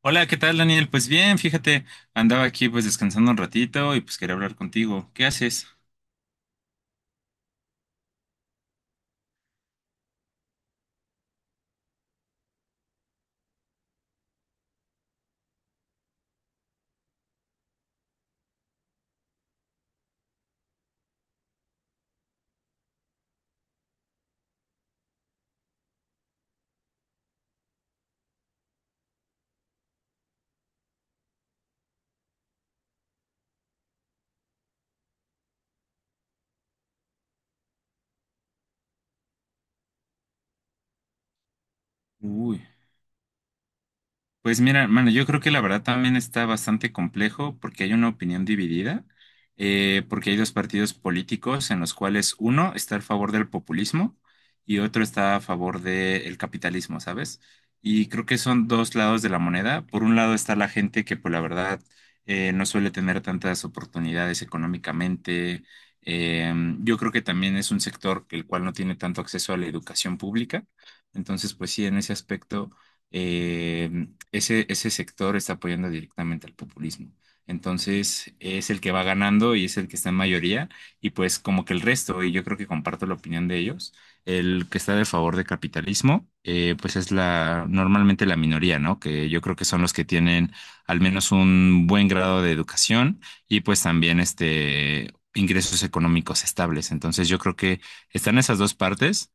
Hola, ¿qué tal, Daniel? Pues bien, fíjate, andaba aquí pues descansando un ratito y pues quería hablar contigo. ¿Qué haces? Uy. Pues mira, hermano, yo creo que la verdad también está bastante complejo porque hay una opinión dividida, porque hay dos partidos políticos en los cuales uno está a favor del populismo y otro está a favor del capitalismo, ¿sabes? Y creo que son dos lados de la moneda. Por un lado está la gente que, pues la verdad, no suele tener tantas oportunidades económicamente. Yo creo que también es un sector que el cual no tiene tanto acceso a la educación pública. Entonces, pues sí, en ese aspecto. eh, ese sector está apoyando directamente al populismo. Entonces es el que va ganando y es el que está en mayoría, y pues como que el resto, y yo creo que comparto la opinión de ellos, el que está de favor del capitalismo, pues es la normalmente la minoría, ¿no? Que yo creo que son los que tienen al menos un buen grado de educación y pues también ingresos económicos estables. Entonces yo creo que están esas dos partes.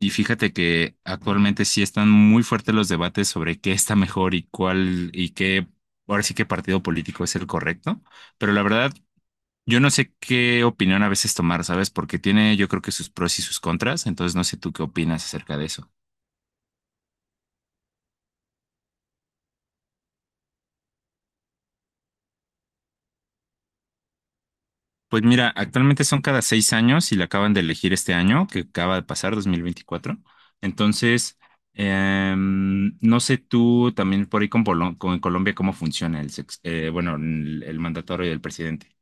Y fíjate que actualmente sí están muy fuertes los debates sobre qué está mejor y cuál y qué, ahora sí qué partido político es el correcto, pero la verdad yo no sé qué opinión a veces tomar, ¿sabes? Porque tiene yo creo que sus pros y sus contras, entonces no sé tú qué opinas acerca de eso. Pues mira, actualmente son cada 6 años y la acaban de elegir este año, que acaba de pasar, 2024, Entonces, no sé tú también por ahí con Colombia cómo funciona el, sex- bueno, el mandatorio del presidente.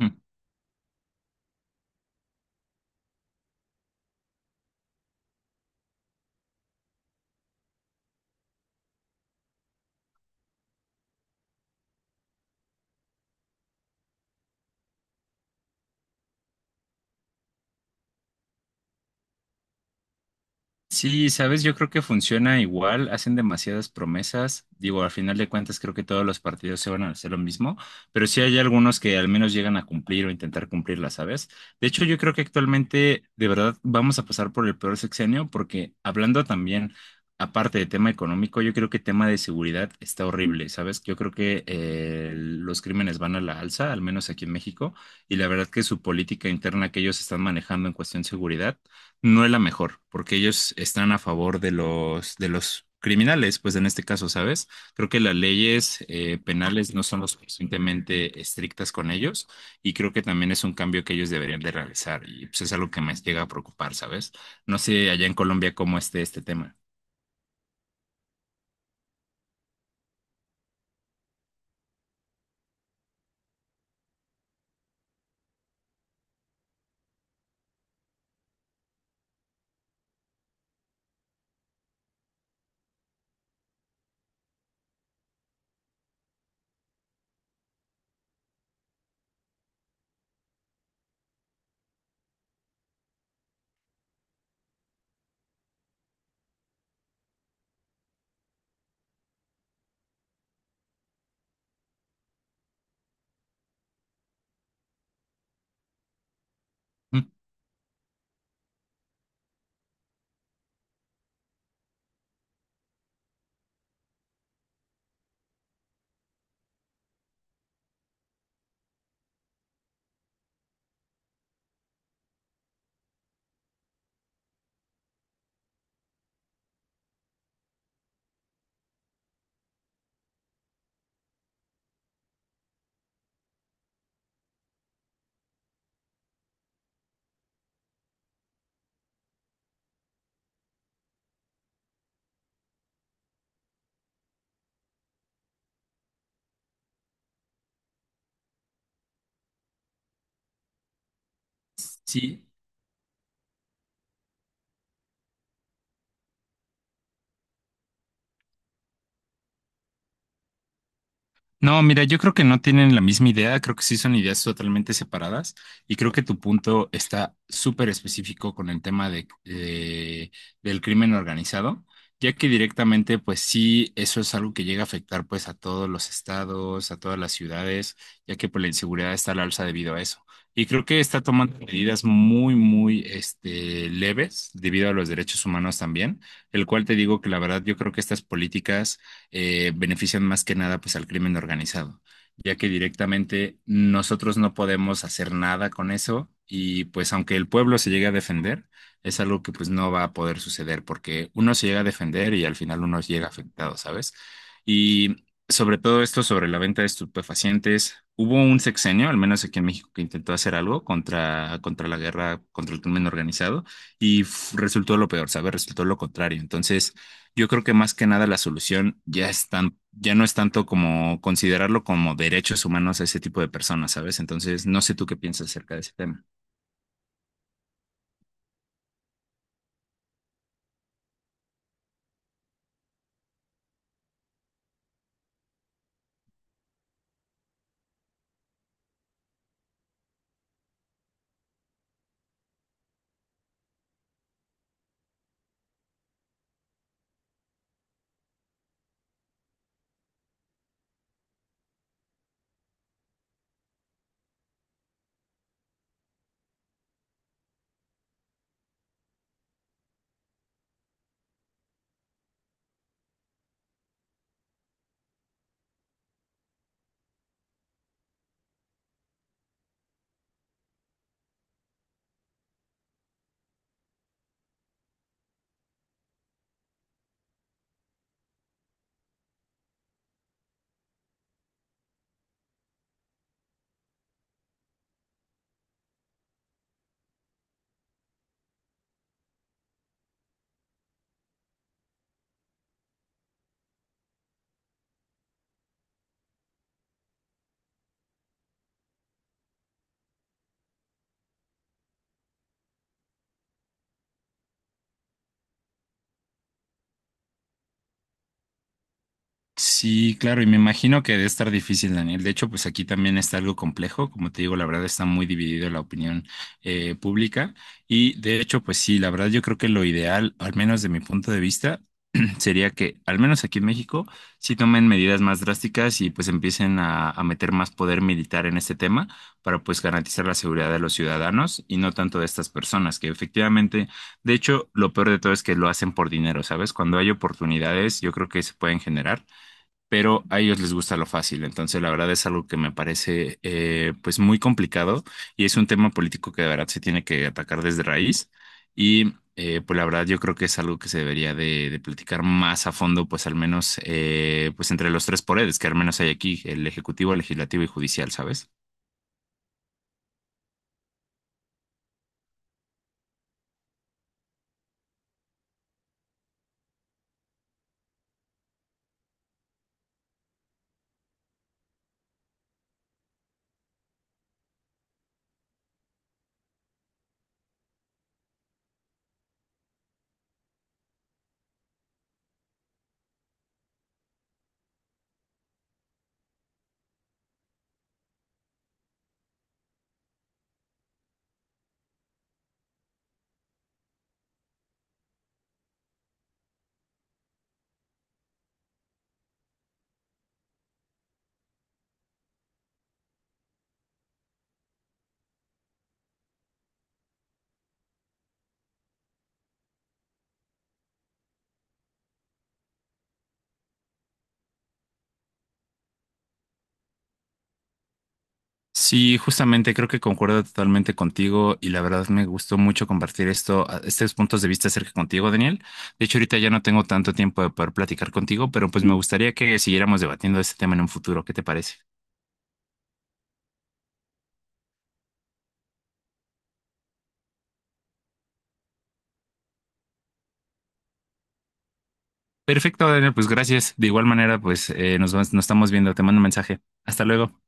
Mm. Sí, sabes, yo creo que funciona igual, hacen demasiadas promesas, digo, al final de cuentas creo que todos los partidos se van a hacer lo mismo, pero sí hay algunos que al menos llegan a cumplir o intentar cumplirlas, ¿sabes? De hecho, yo creo que actualmente de verdad vamos a pasar por el peor sexenio porque hablando también, aparte de tema económico, yo creo que tema de seguridad está horrible, ¿sabes? Yo creo que los crímenes van a la alza, al menos aquí en México, y la verdad que su política interna que ellos están manejando en cuestión seguridad no es la mejor, porque ellos están a favor de los criminales, pues en este caso, ¿sabes? Creo que las leyes penales no son lo suficientemente estrictas con ellos y creo que también es un cambio que ellos deberían de realizar, y pues es algo que me llega a preocupar, ¿sabes? No sé allá en Colombia cómo esté este tema. Mm. Sí. No, mira, yo creo que no tienen la misma idea, creo que sí son ideas totalmente separadas y creo que tu punto está súper específico con el tema del crimen organizado, ya que directamente pues sí, eso es algo que llega a afectar pues a todos los estados, a todas las ciudades, ya que pues la inseguridad está al alza debido a eso. Y creo que está tomando medidas muy, muy leves debido a los derechos humanos también, el cual te digo que la verdad yo creo que estas políticas benefician más que nada pues al crimen organizado, ya que directamente nosotros no podemos hacer nada con eso, y pues aunque el pueblo se llegue a defender, es algo que pues no va a poder suceder porque uno se llega a defender y al final uno llega afectado, ¿sabes? Y sobre todo esto sobre la venta de estupefacientes, hubo un sexenio, al menos aquí en México, que intentó hacer algo contra, contra la guerra, contra el crimen organizado, resultó lo peor, ¿sabes? Resultó lo contrario. Entonces, yo creo que más que nada la solución ya no es tanto como considerarlo como derechos humanos a ese tipo de personas, ¿sabes? Entonces, no sé tú qué piensas acerca de ese tema. Sí, claro, y me imagino que debe estar difícil, Daniel. De hecho, pues aquí también está algo complejo. Como te digo, la verdad está muy dividido la opinión pública. Y de hecho, pues sí, la verdad yo creo que lo ideal, al menos de mi punto de vista, sería que, al menos aquí en México, sí tomen medidas más drásticas y pues empiecen a meter más poder militar en este tema para pues garantizar la seguridad de los ciudadanos y no tanto de estas personas que efectivamente. De hecho, lo peor de todo es que lo hacen por dinero, ¿sabes? Cuando hay oportunidades, yo creo que se pueden generar, pero a ellos les gusta lo fácil. Entonces, la verdad es algo que me parece pues muy complicado, y es un tema político que de verdad se tiene que atacar desde raíz. Y pues la verdad yo creo que es algo que se debería de platicar más a fondo, pues al menos pues entre los tres poderes que al menos hay aquí, el ejecutivo, el legislativo y judicial, ¿sabes? Sí, justamente creo que concuerdo totalmente contigo, y la verdad me gustó mucho compartir estos puntos de vista acerca contigo, Daniel. De hecho, ahorita ya no tengo tanto tiempo de poder platicar contigo, pero pues me gustaría que siguiéramos debatiendo este tema en un futuro. ¿Qué te parece? Perfecto, Daniel, pues gracias. De igual manera, pues nos estamos viendo. Te mando un mensaje. Hasta luego.